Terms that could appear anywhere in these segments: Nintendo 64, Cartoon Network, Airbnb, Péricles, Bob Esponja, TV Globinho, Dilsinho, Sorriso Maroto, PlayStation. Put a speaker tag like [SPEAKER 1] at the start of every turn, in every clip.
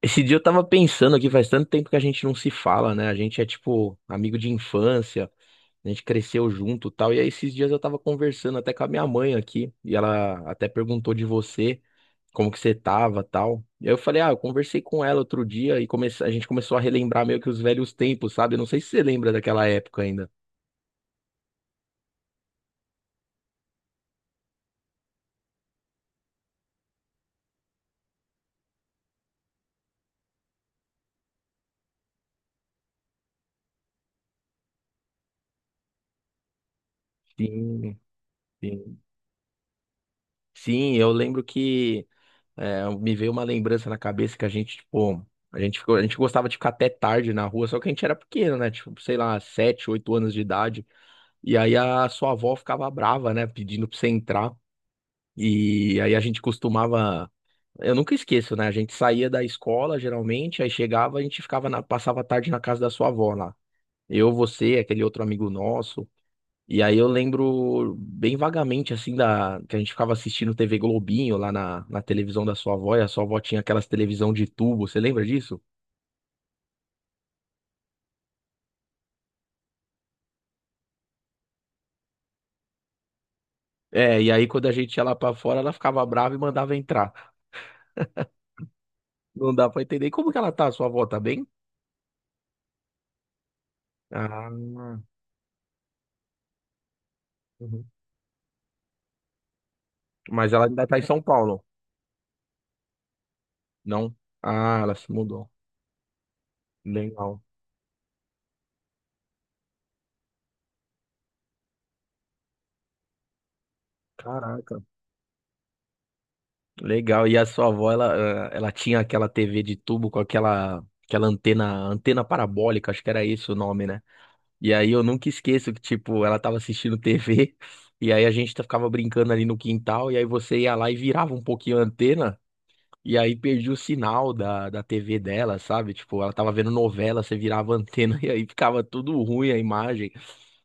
[SPEAKER 1] Esse dia eu tava pensando aqui, faz tanto tempo que a gente não se fala, né? A gente é tipo amigo de infância, a gente cresceu junto, e tal. E aí esses dias eu tava conversando até com a minha mãe aqui, e ela até perguntou de você, como que você tava, tal. E aí eu falei, ah, eu conversei com ela outro dia e comece... a gente começou a relembrar meio que os velhos tempos, sabe? Eu não sei se você lembra daquela época ainda. Sim, sim. Sim, eu lembro que... É, me veio uma lembrança na cabeça que a gente, tipo, a gente gostava de ficar até tarde na rua, só que a gente era pequeno, né? Tipo, sei lá, 7, 8 anos de idade. E aí a sua avó ficava brava, né? Pedindo pra você entrar. E aí a gente costumava. Eu nunca esqueço, né? A gente saía da escola, geralmente, aí chegava, a gente ficava passava a tarde na casa da sua avó lá. Eu, você, aquele outro amigo nosso. E aí eu lembro bem vagamente, assim, da que a gente ficava assistindo TV Globinho lá na televisão da sua avó, e a sua avó tinha aquelas televisão de tubo, você lembra disso? É, e aí quando a gente ia lá pra fora, ela ficava brava e mandava entrar. Não dá pra entender. E como que ela tá, a sua avó, tá bem? Ah, uhum. Mas ela ainda tá em São Paulo, não? Ah, ela se mudou. Legal. Caraca. Legal. E a sua avó, ela, ela tinha aquela TV de tubo com aquela, aquela antena, antena parabólica, acho que era esse o nome, né? E aí eu nunca esqueço que, tipo, ela tava assistindo TV, e aí a gente ficava brincando ali no quintal, e aí você ia lá e virava um pouquinho a antena, e aí perdia o sinal da TV dela, sabe? Tipo, ela tava vendo novela, você virava a antena, e aí ficava tudo ruim a imagem.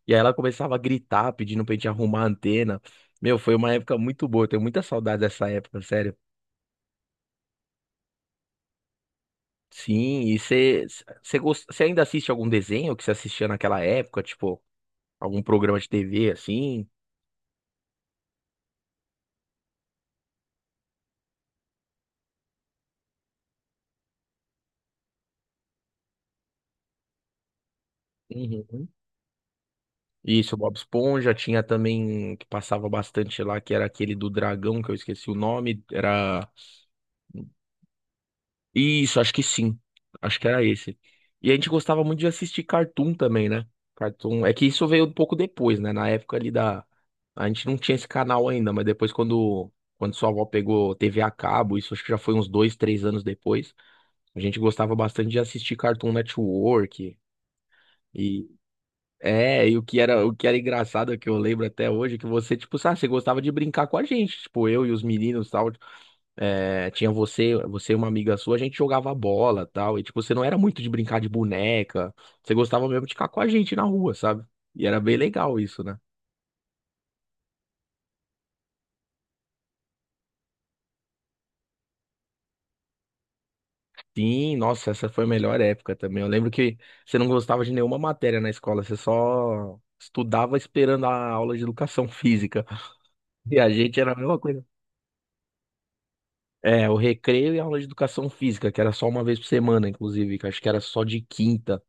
[SPEAKER 1] E aí ela começava a gritar, pedindo pra gente arrumar a antena. Meu, foi uma época muito boa, eu tenho muita saudade dessa época, sério. Sim, e você ainda assiste algum desenho que você assistia naquela época, tipo, algum programa de TV assim? Uhum. Isso, Bob Esponja, tinha também que passava bastante lá, que era aquele do dragão, que eu esqueci o nome, era... Isso, acho que sim. Acho que era esse. E a gente gostava muito de assistir Cartoon também, né? Cartoon. É que isso veio um pouco depois, né? Na época ali da... A gente não tinha esse canal ainda, mas depois quando... Quando sua avó pegou TV a cabo, isso acho que já foi uns dois, três anos depois. A gente gostava bastante de assistir Cartoon Network. E, É, e o que era engraçado que eu lembro até hoje, é que você, tipo, sabe, você gostava de brincar com a gente, tipo, eu e os meninos, e tal, é, tinha você, você e uma amiga sua, a gente jogava bola, e tal, e tipo, você não era muito de brincar de boneca, você gostava mesmo de ficar com a gente na rua, sabe? E era bem legal isso, né? Sim, nossa, essa foi a melhor época também. Eu lembro que você não gostava de nenhuma matéria na escola, você só estudava esperando a aula de educação física. E a gente era a mesma coisa. É, o recreio e a aula de educação física, que era só uma vez por semana, inclusive, que acho que era só de quinta.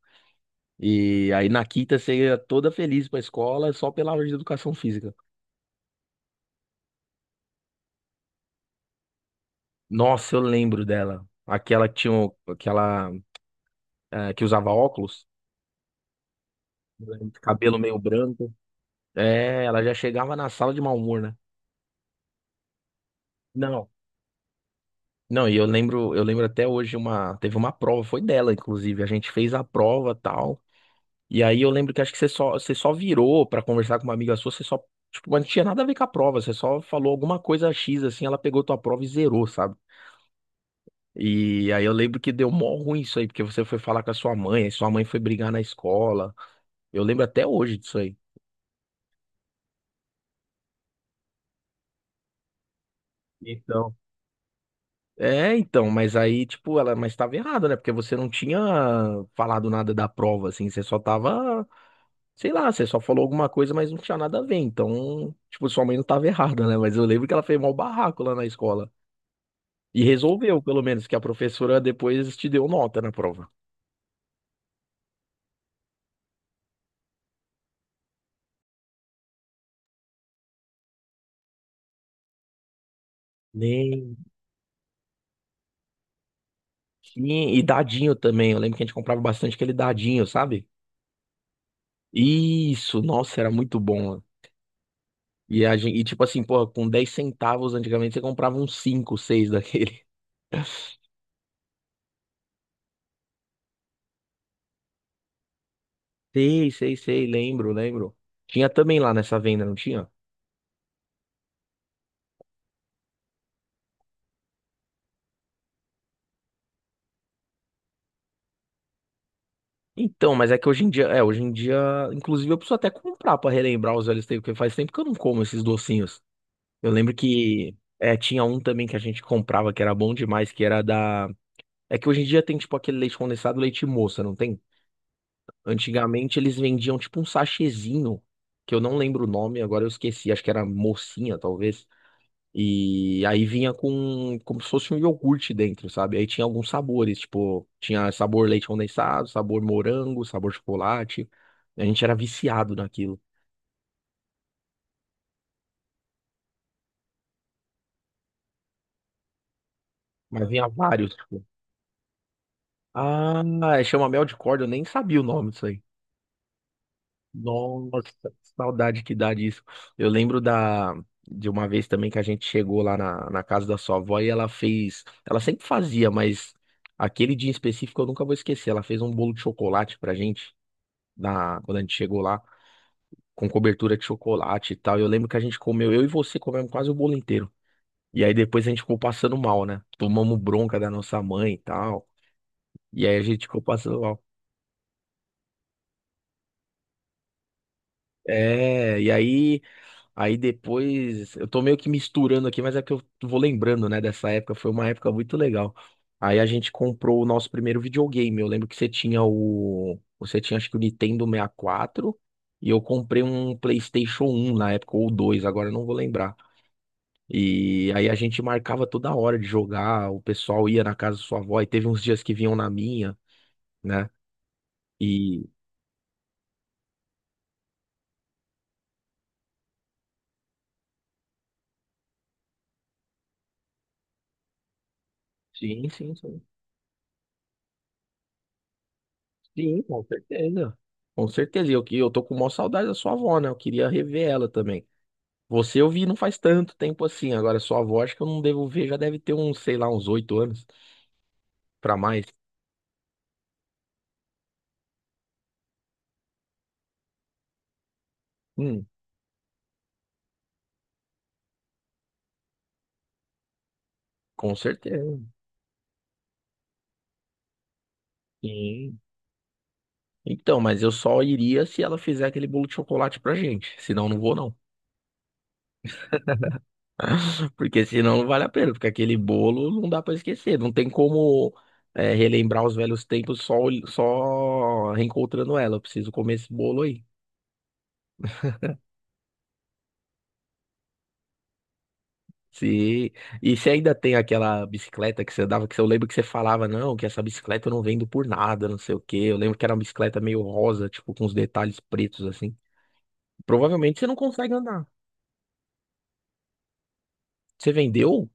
[SPEAKER 1] E aí na quinta você ia toda feliz pra escola só pela aula de educação física. Nossa, eu lembro dela. Aquela que tinha, aquela, que usava óculos, cabelo meio branco. É, ela já chegava na sala de mau humor, né? Não. Não, e eu lembro até hoje teve uma prova, foi dela, inclusive. A gente fez a prova, tal. E aí eu lembro que acho que você só virou pra conversar com uma amiga sua, você só, tipo, mas não tinha nada a ver com a prova, você só falou alguma coisa X assim, ela pegou tua prova e zerou, sabe? E aí eu lembro que deu mó ruim isso aí, porque você foi falar com a sua mãe, aí sua mãe foi brigar na escola. Eu lembro até hoje disso aí. Então. É, então, mas aí, tipo, ela, mas tava errado, né? Porque você não tinha falado nada da prova, assim, você só tava, sei lá, você só falou alguma coisa, mas não tinha nada a ver. Então, tipo, sua mãe não tava errada, né? Mas eu lembro que ela fez mó barraco lá na escola. E resolveu, pelo menos, que a professora depois te deu nota na prova. Nem. Sim, e dadinho também. Eu lembro que a gente comprava bastante aquele dadinho, sabe? Isso, nossa, era muito bom. E tipo assim, pô, com 10 centavos antigamente você comprava uns 5, 6 daquele. Sei, sei, sei, lembro, lembro. Tinha também lá nessa venda, não tinha? Então, mas é que hoje em dia, é, hoje em dia, inclusive eu preciso até comprar pra relembrar os velhos tempos, porque faz tempo que eu não como esses docinhos. Eu lembro que é, tinha um também que a gente comprava que era bom demais, que era da... É que hoje em dia tem tipo aquele leite condensado, leite moça, não tem? Antigamente eles vendiam tipo um sachêzinho, que eu não lembro o nome, agora eu esqueci, acho que era mocinha, talvez. E aí vinha com como se fosse um iogurte dentro, sabe? Aí tinha alguns sabores, tipo, tinha sabor leite condensado, sabor morango, sabor chocolate. A gente era viciado naquilo, mas vinha vários, tipo. Ah, chama mel de corda, eu nem sabia o nome disso aí. Nossa, saudade que dá disso. Eu lembro da de uma vez também que a gente chegou lá na casa da sua avó e ela fez, ela sempre fazia, mas aquele dia em específico eu nunca vou esquecer. Ela fez um bolo de chocolate pra gente na quando a gente chegou lá com cobertura de chocolate e tal. E eu lembro que a gente comeu, eu e você comemos quase o bolo inteiro. E aí depois a gente ficou passando mal, né? Tomamos bronca da nossa mãe e tal. E aí a gente ficou passando mal. É, e aí Aí depois, eu tô meio que misturando aqui, mas é que eu vou lembrando, né, dessa época, foi uma época muito legal. Aí a gente comprou o nosso primeiro videogame. Eu lembro que você tinha o, você tinha acho que o Nintendo 64 e quatro e eu comprei um PlayStation um na época ou 2. Agora eu não vou lembrar. E aí a gente marcava toda hora de jogar, o pessoal ia na casa da sua avó e teve uns dias que vinham na minha, né? E sim, sim, sim. Sim, com certeza. Com certeza. E eu, eu tô com maior saudade da sua avó, né? Eu queria rever ela também. Você eu vi não faz tanto tempo assim. Agora, sua avó, acho que eu não devo ver, já deve ter uns, sei lá, uns 8 anos pra mais. Hum, com certeza. Sim. Então, mas eu só iria se ela fizer aquele bolo de chocolate pra gente. Senão, não vou, não. Porque senão não vale a pena. Porque aquele bolo não dá pra esquecer. Não tem como. É, relembrar os velhos tempos só, só reencontrando ela. Eu preciso comer esse bolo aí. Sim. E você ainda tem aquela bicicleta que você dava, que você... eu lembro que você falava, não, que essa bicicleta eu não vendo por nada, não sei o quê. Eu lembro que era uma bicicleta meio rosa, tipo, com os detalhes pretos, assim. Provavelmente você não consegue andar. Você vendeu?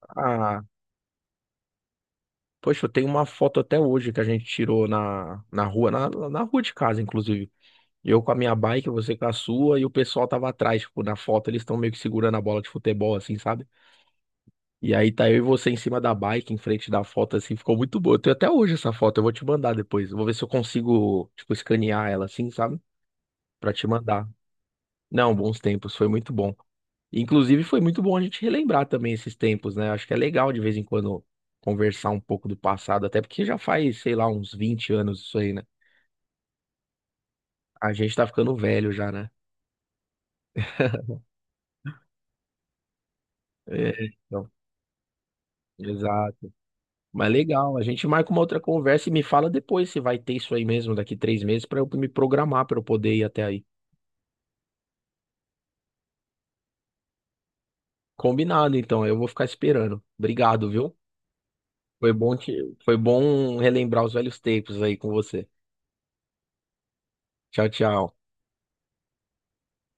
[SPEAKER 1] Ah, poxa, eu tenho uma foto até hoje que a gente tirou na rua, na rua de casa, inclusive. Eu com a minha bike, você com a sua, e o pessoal tava atrás, tipo, na foto eles estão meio que segurando a bola de futebol, assim, sabe? E aí tá eu e você em cima da bike, em frente da foto, assim, ficou muito boa. Eu tenho até hoje essa foto, eu vou te mandar depois. Eu vou ver se eu consigo, tipo, escanear ela assim, sabe? Pra te mandar. Não, bons tempos, foi muito bom. Inclusive, foi muito bom a gente relembrar também esses tempos, né? Acho que é legal de vez em quando conversar um pouco do passado, até porque já faz, sei lá, uns 20 anos isso aí, né? A gente tá ficando velho já, né? É, então, exato. Mas legal, a gente marca uma outra conversa e me fala depois se vai ter isso aí mesmo daqui 3 meses para eu me programar para eu poder ir até aí. Combinado, então, eu vou ficar esperando. Obrigado, viu? Foi bom te... Foi bom relembrar os velhos tempos aí com você. Tchau, tchau.